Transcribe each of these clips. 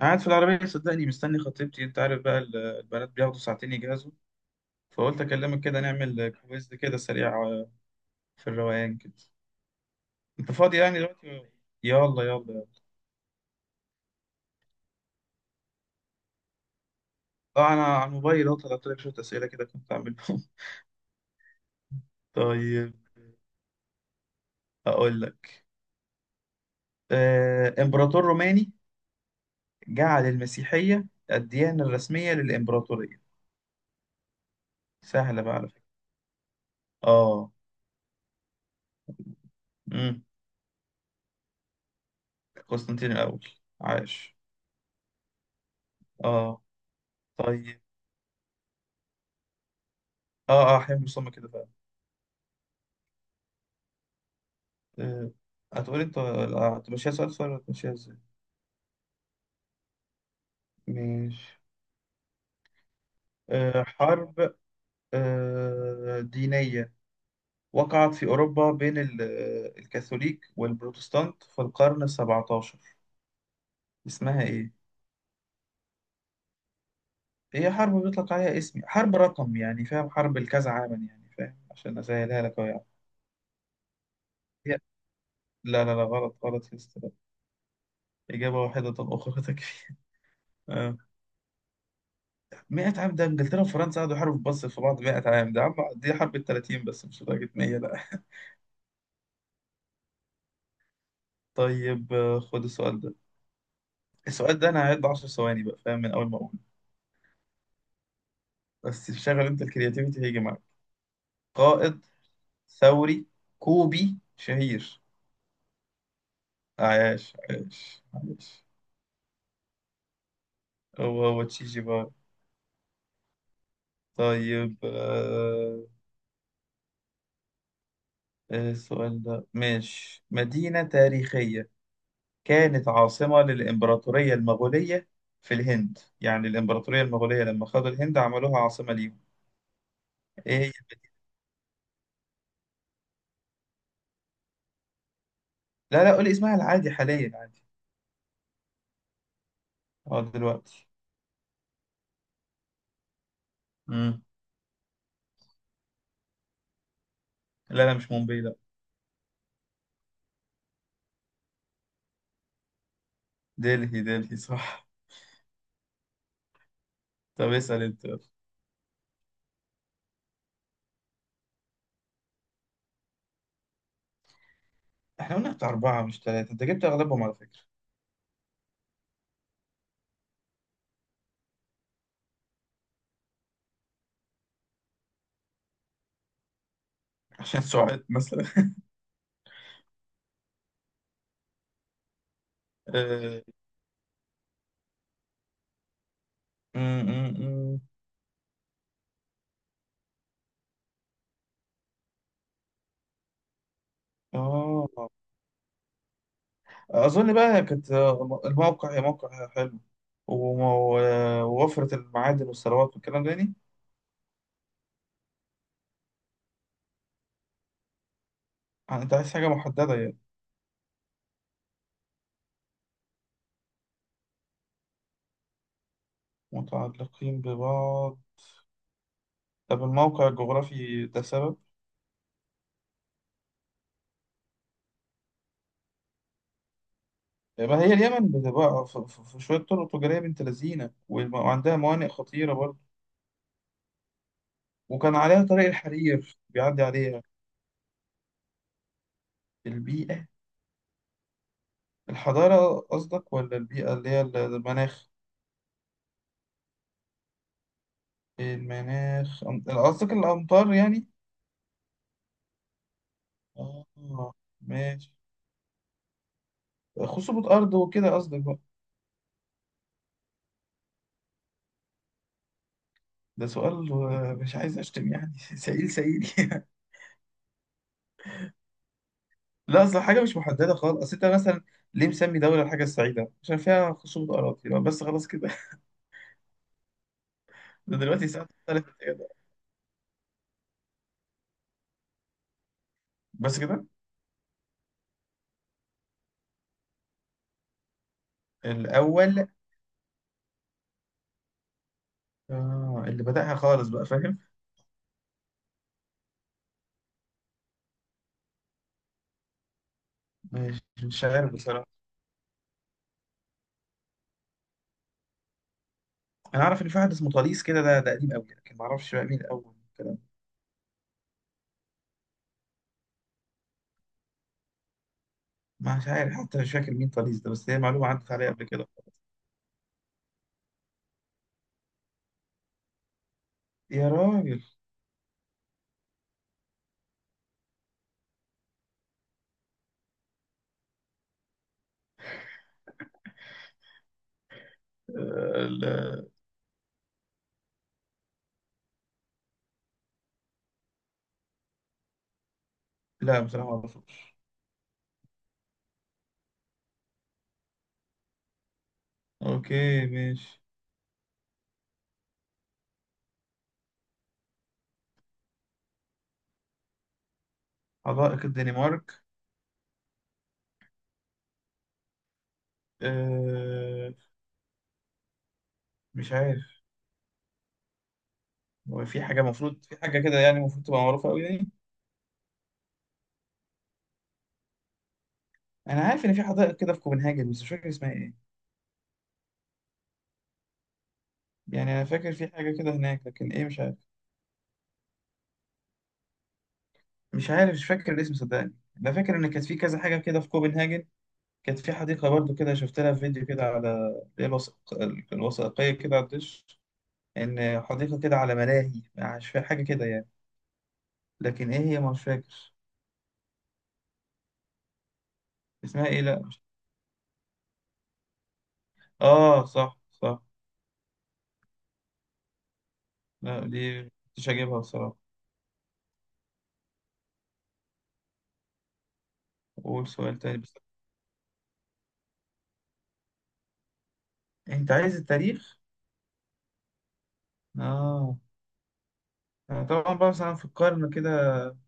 قاعد في العربية صدقني، مستني خطيبتي. انت عارف بقى، البنات بياخدوا ساعتين يجهزوا. فقلت اكلمك كده نعمل كويز كده سريع، في الروقان كده. انت فاضي يعني دلوقتي؟ يلا يلا. اه، انا على الموبايل اهو، طلعت لك شوية اسئلة كده كنت عاملهم طيب، اقول لك. آه، امبراطور روماني جعل المسيحية الديانة الرسمية للامبراطورية. سهلة بقى على فكرة. اه. امم قسطنطين الاول. عاش. اه. طيب. اه اه، حلم صم كده. آه، هتقولي لا، هتمشيها سؤال سؤال ولا هتمشيها ازاي؟ ماشي. آه، حرب، آه، دينية وقعت في أوروبا بين الكاثوليك والبروتستانت في القرن السبعتاشر. اسمها إيه؟ هي حرب بيطلق عليها اسم حرب رقم، يعني فاهم، حرب الكذا عاما، يعني فاهم، عشان أسهلها لك أهو يعني. هي- لا لا لا غلط غلط يا أستاذ. إجابة واحدة أخرى تكفي. آه. 100 عام ده إنجلترا وفرنسا قعدوا يحاربوا في بص في بعض 100 عام. ده عم، دي حرب ال 30، بس مش لدرجة 100، لا. طيب، آه، خد السؤال ده. السؤال ده انا هعد 10 ثواني، بقى فاهم من اول ما اقول، بس شغل انت الكرياتيفيتي هيجي معاك. قائد ثوري كوبي شهير. عاش عاش عاش. هو هو تشيجي بار. طيب. آه. آه، السؤال ده ماشي. مدينة تاريخية كانت عاصمة للإمبراطورية المغولية في الهند. يعني الإمبراطورية المغولية لما خدوا الهند عملوها عاصمة ليهم. إيه هي؟ لا لا، قول اسمها العادي حاليا عادي. اه دلوقتي. مم. لا لا، مش مومباي، لا. دلهي دلهي صح. طب اسأل انت يلا. احنا قلنا بتاع أربعة مش ثلاثة، انت جبت أغلبهم على فكرة. عشان سعاد مثلا. آه. أم، أم، أم. آه. أظن بقى كانت، آه، الموقع موقع حلو، ووفرة المعادن والثروات والكلام ده يعني. انت عايز حاجة محددة يعني. متعلقين ببعض. طب الموقع الجغرافي ده سبب. ما هي اليمن بتبقى في شوية طرق تجارية بنت لذينة، وعندها موانئ خطيرة، وكان عليها طريق الحرير بيعدي عليها. البيئة. الحضارة قصدك ولا البيئة اللي هي المناخ؟ المناخ، قصدك الأمطار يعني. آه. ماشي. خصوبة أرض وكده قصدك بقى. ده سؤال، آه، مش عايز أشتم يعني سئيل سئيل يعني. لا، أصل حاجة مش محددة خالص. أصل أنت مثلا ليه مسمي دولة الحاجة السعيدة؟ عشان فيها خصوبة أراضي. يبقى بس خلاص كده. ده دلوقتي الساعة اتختلفت كده. بس كده. الأول. آه، اللي بدأها خالص بقى، فاهم؟ مش عارف بصراحة. انا اعرف ان في واحد اسمه طليس كده، ده قديم قوي، لكن ما اعرفش بقى مين الاول الكلام. مش عارف حتى، مش فاكر مين طليس ده، بس هي معلومه عدت عليا قبل كده. يا راجل. آه. لا، لا بصراحه ما اعرفوش. اوكي ماشي. حدائق الدنمارك. أه. مش عارف. هو في حاجه، المفروض في حاجه كده يعني، المفروض تبقى معروفه قوي يعني. انا عارف ان في حدائق كده في كوبنهاجن، بس مش فاكر اسمها ايه. يعني انا فاكر في حاجه كده هناك، لكن ايه مش عارف. مش عارف مش فاكر الاسم صدقني. انا فاكر ان كانت في كذا حاجه كده في كوبنهاجن. كانت في حديقة برضو كده، شفت لها فيديو كده على اللي هي الوثائقية كده على الدش. إن حديقة كده على ملاهي. مش فاكر حاجة كده يعني، لكن إيه هي مش فاكر. اسمها إيه؟ لأ. آه صح صح. لا دي مش هجيبها بصراحة. قول سؤال تاني بس. أنت عايز التاريخ؟ آه. أنا طبعا بقى مثلا في القرن كده،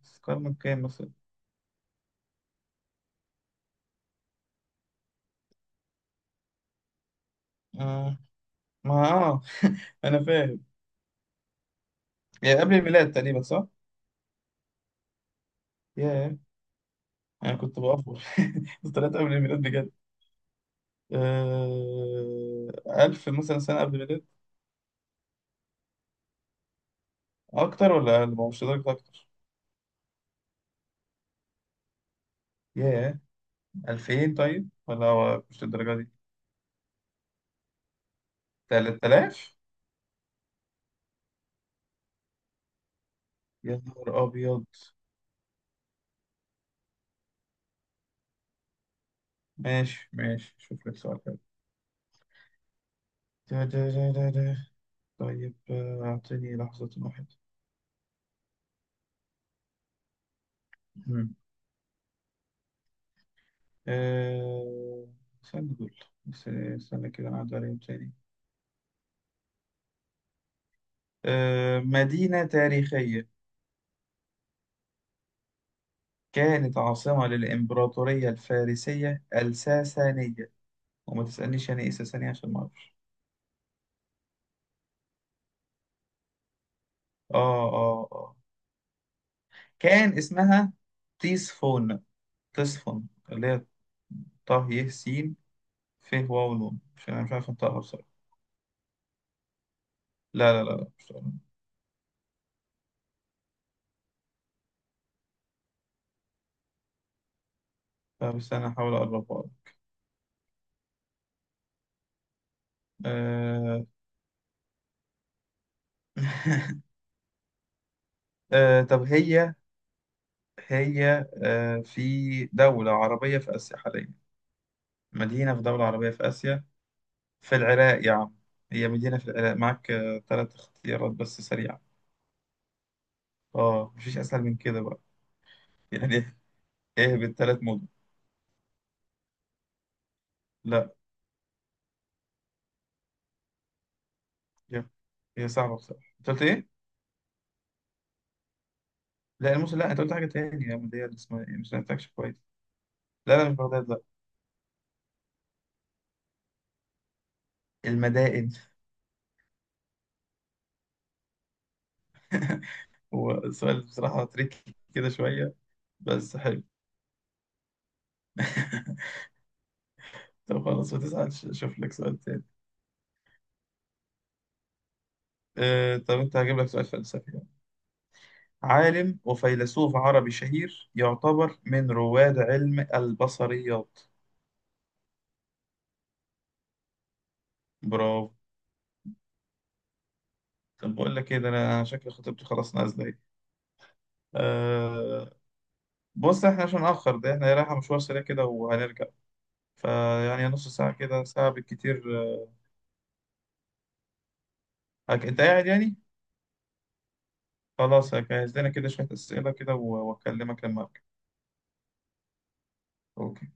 في القرن كام مثلا؟ آه. ما آه أنا فاهم. يعني قبل الميلاد تقريبا صح؟ ياه. أنا كنت بأفور طلعت قبل الميلاد بجد. آه، ألف مثلا سنة قبل الميلاد. أكتر ولا أقل؟ ما هو مش لدرجة أكتر. ياه. ألفين طيب، ولا هو مش للدرجة دي. تلات آلاف. يا نهار أبيض. ماشي ماشي. شوف لك سؤال حلو. ده ده ده ده ده. طيب، آه، أعطيني لحظة واحدة. مم. آه، استنى دول. استنى كده أنا عدى عليهم تاني. آه، مدينة تاريخية كانت عاصمة للإمبراطورية الفارسية الساسانية. وما تسألنيش يعني ايه ساسانية عشان ما اعرفش. اه اه اه. كان اسمها تيسفون. تيسفون اللي هي طه ي س ف واو نون. مش انا مش عارف انطقها بصراحة. لا لا لا لا مش عارف. لا، بس انا هحاول اقربها لك. آه... آه... طب هي، آه، في دولة عربية في آسيا حاليا. مدينة في دولة عربية في آسيا. في العراق يا عم. هي مدينة في العراق. معاك آه... ثلاث اختيارات بس سريعة. اه مفيش أسهل من كده بقى يعني ايه بالثلاث مدن. لا. هي هي صعبة بصراحة. انت قلت ايه؟ لا الموسم لا. انت قلت حاجة تاني يا عم، اللي هي اللي اسمها ايه، مش بتاعتكش كويس. لا لا، مش بغداد، لا. المدائن. هو السؤال بصراحة تريكي كده شوية، بس حلو طب خلاص ما تزعلش، اشوف لك سؤال تاني. أه، طب انت هجيب لك سؤال فلسفي يعني. عالم وفيلسوف عربي شهير يعتبر من رواد علم البصريات. برافو. طب بقول لك ايه ده، انا شكل خطيبتي خلاص نازلة. ايه، بص احنا عشان نأخر ده، احنا رايحة مشوار سريع كده وهنرجع. فيعني نص ساعة كده، ساعة بالكتير، آه. انت قاعد يعني. خلاص هجهز لنا كده شوية أسئلة كده، وأكلمك لما أرجع. أوكي